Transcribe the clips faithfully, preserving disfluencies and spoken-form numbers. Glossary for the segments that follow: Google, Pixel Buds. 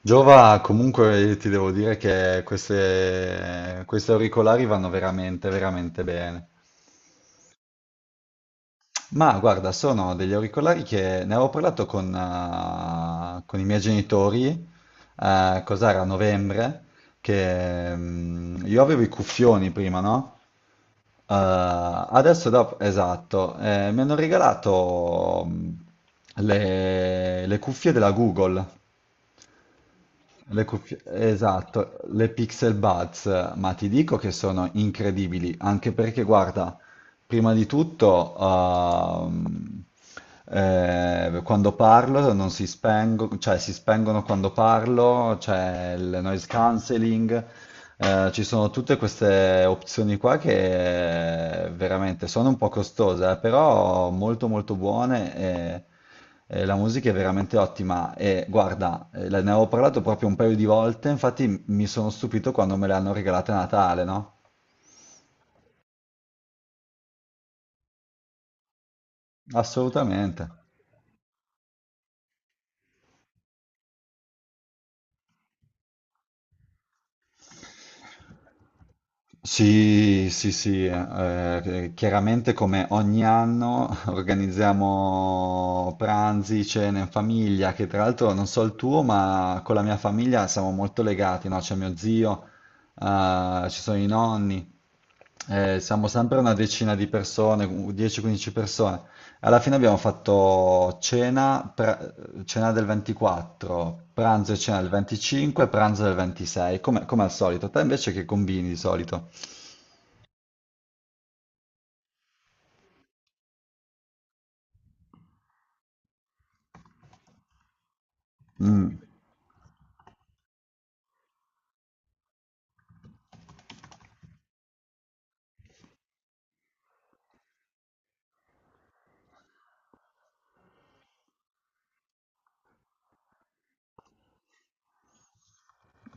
Giova, comunque io ti devo dire che queste, questi auricolari vanno veramente, veramente bene. Ma guarda, sono degli auricolari che ne avevo parlato con, eh, con i miei genitori, eh, cos'era, a novembre, che mm, io avevo i cuffioni prima, no? Eh, adesso, dopo, esatto, eh, mi hanno regalato mm, le, le cuffie della Google. Le cuffie, esatto, le Pixel Buds, ma ti dico che sono incredibili, anche perché guarda, prima di tutto, ehm, eh, quando parlo non si spengono, cioè si spengono quando parlo, c'è il noise cancelling, eh, ci sono tutte queste opzioni qua che eh, veramente sono un po' costose, eh, però molto molto buone e, e la musica è veramente ottima. E guarda, eh, la- ne avevo parlato proprio un paio di volte, infatti mi sono stupito quando me le hanno regalate a Natale, no? Assolutamente. Sì, sì, sì, eh, eh, chiaramente come ogni anno organizziamo pranzi, cene in famiglia, che tra l'altro non so il tuo, ma con la mia famiglia siamo molto legati, no? C'è mio zio, eh, ci sono i nonni, eh, siamo sempre una decina di persone, dieci quindici persone. Alla fine abbiamo fatto cena, pra- cena del ventiquattro, pranzo e cena del venticinque, pranzo del ventisei, come, come al solito. Te invece che combini di solito? Mm,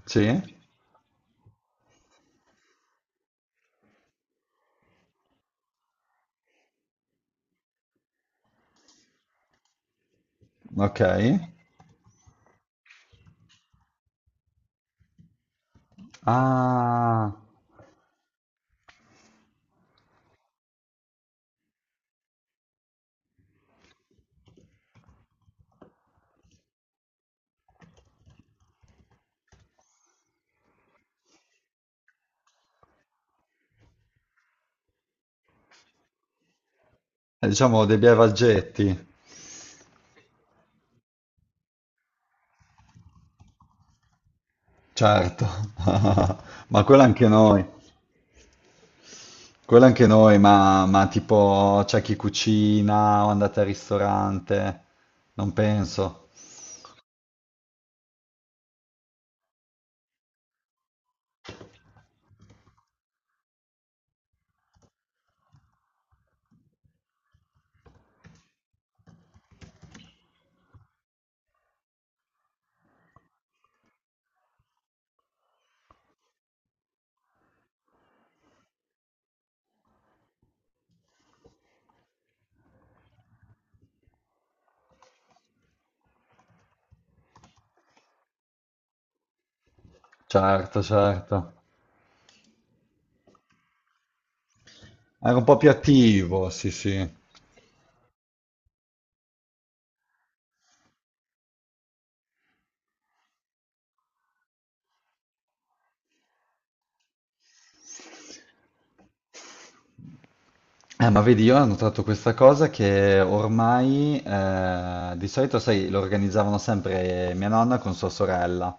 sì? Ok. Ah, eh, diciamo dei bei vaggetti, certo. Ma quello anche noi. Quello anche noi, ma, ma tipo c'è chi cucina o andate al ristorante? Non penso. Certo, certo. Era un po' più attivo, sì, sì. Eh, ma vedi, io ho notato questa cosa che ormai eh, di solito, sai, lo organizzavano sempre mia nonna con sua sorella.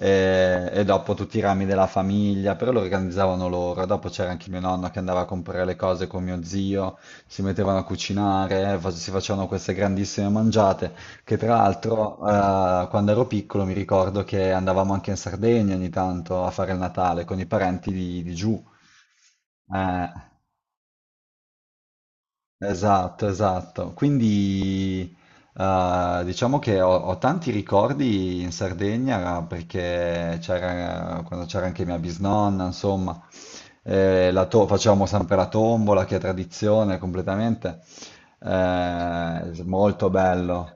e, e, dopo tutti i rami della famiglia, però lo organizzavano loro. Dopo c'era anche mio nonno che andava a comprare le cose con mio zio, si mettevano a cucinare, eh, fa- si facevano queste grandissime mangiate, che tra l'altro eh, quando ero piccolo mi ricordo che andavamo anche in Sardegna ogni tanto a fare il Natale con i parenti di, di giù. Eh, Esatto, esatto. Quindi eh, diciamo che ho, ho tanti ricordi in Sardegna perché c'era quando c'era anche mia bisnonna, insomma, eh, la to- facevamo sempre la tombola, che è tradizione completamente. Eh, molto bello.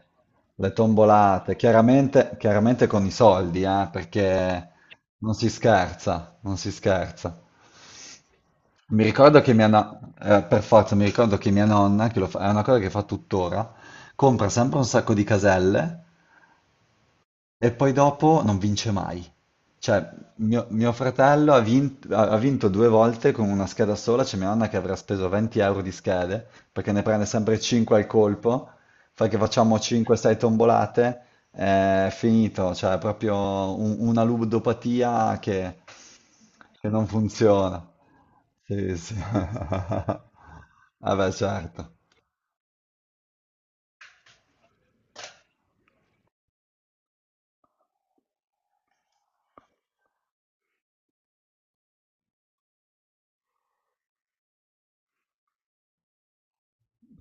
Le tombolate, chiaramente, chiaramente con i soldi, eh, perché non si scherza, non si scherza. Mi ricordo che mia nonna, per forza, mi ricordo che mia nonna, che lo fa- è una cosa che fa tuttora, compra sempre un sacco di caselle e poi dopo non vince mai. Cioè, mio, mio fratello ha vinto, ha ha vinto due volte con una scheda sola, c'è mia nonna che avrà speso venti euro di schede, perché ne prende sempre cinque al colpo, fa che facciamo cinque sei tombolate, è finito, cioè è proprio un- una ludopatia che, che non funziona. Sì, sì. Vabbè, certo.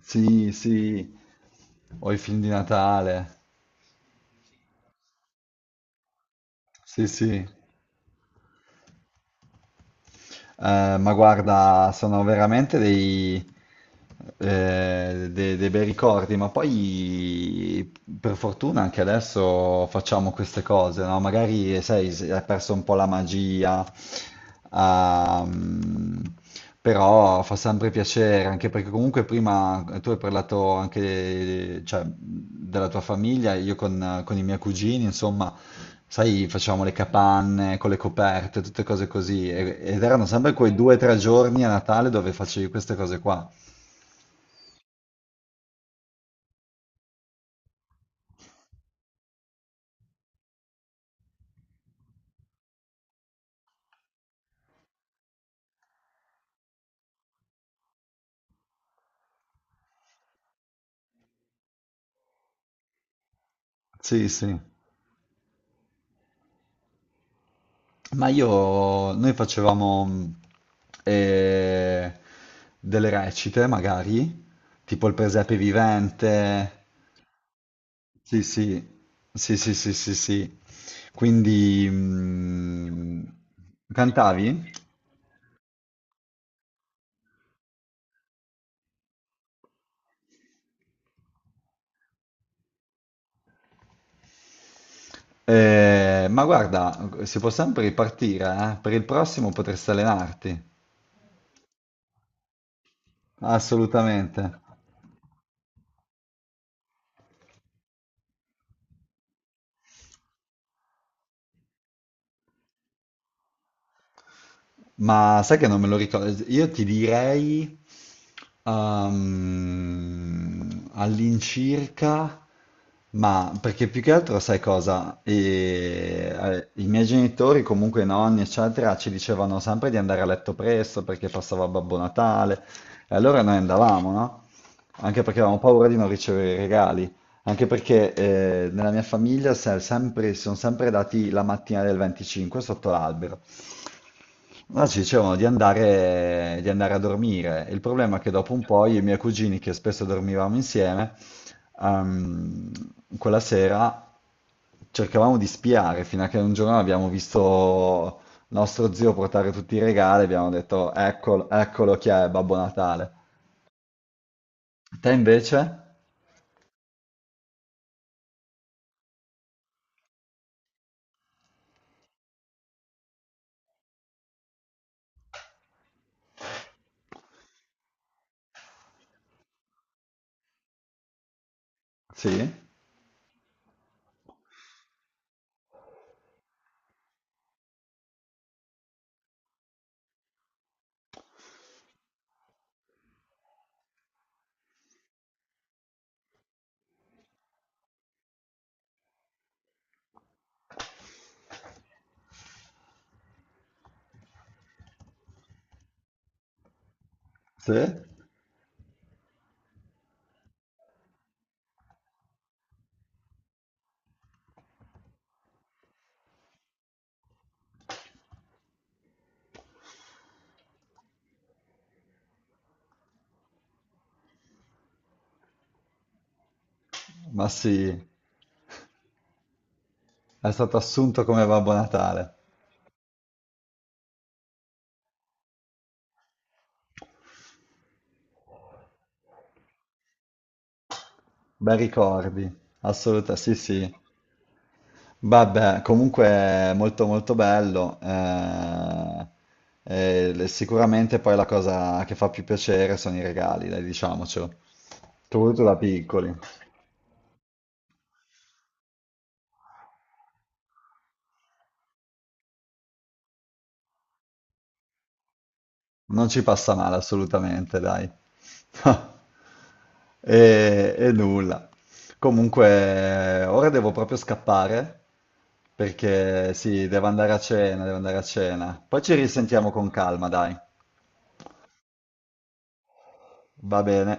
Sì, sì, o i film di Natale. Sì, sì. Eh, ma guarda, sono veramente dei, eh, de- dei bei ricordi, ma poi per fortuna anche adesso facciamo queste cose, no? Magari, sai, si è perso un po' la magia. Ehm, però fa sempre piacere, anche perché comunque prima eh, tu hai parlato anche, cioè, della tua famiglia, io con, con i miei cugini, insomma, sai, facevamo le capanne con le coperte, tutte cose così, e- ed erano sempre quei due o tre giorni a Natale dove facevi queste cose qua. Sì, sì. Ma io, noi facevamo mh, eh, delle recite, magari, tipo il presepe vivente. Sì, sì, sì, sì, sì, sì, sì. Quindi mm, cantavi? Eh, ma guarda, si può sempre ripartire, eh? Per il prossimo potresti allenarti. Assolutamente. Ma sai che non me lo ricordo? Io ti direi ehm, all'incirca, ma perché più che altro sai cosa? E, eh, I miei genitori, comunque i nonni, eccetera, ci dicevano sempre di andare a letto presto perché passava Babbo Natale. E allora noi andavamo, no? Anche perché avevamo paura di non ricevere i regali. Anche perché eh, nella mia famiglia si è sempre- si sono sempre dati la mattina del venticinque sotto l'albero. No, ci dicevano di andare, di andare a dormire. Il problema è che dopo un po' io e i miei cugini, che spesso dormivamo insieme, ehm, quella sera cercavamo di spiare, fino a che un giorno abbiamo visto nostro zio portare tutti i regali e abbiamo detto, eccolo, eccolo chi è Babbo Natale. Te invece? Sì? Sì? Ma sì, è stato assunto come Babbo Natale. Bei ricordi, assoluta, sì sì. Vabbè, comunque è molto molto bello. Eh, e le- sicuramente poi la cosa che fa più piacere sono i regali, dai, diciamocelo. Che ho voluto da piccoli. Non ci passa male assolutamente, dai. E, e nulla. Comunque, ora devo proprio scappare perché sì, devo andare a cena, devo andare a cena. Poi ci risentiamo con calma, dai. Va bene.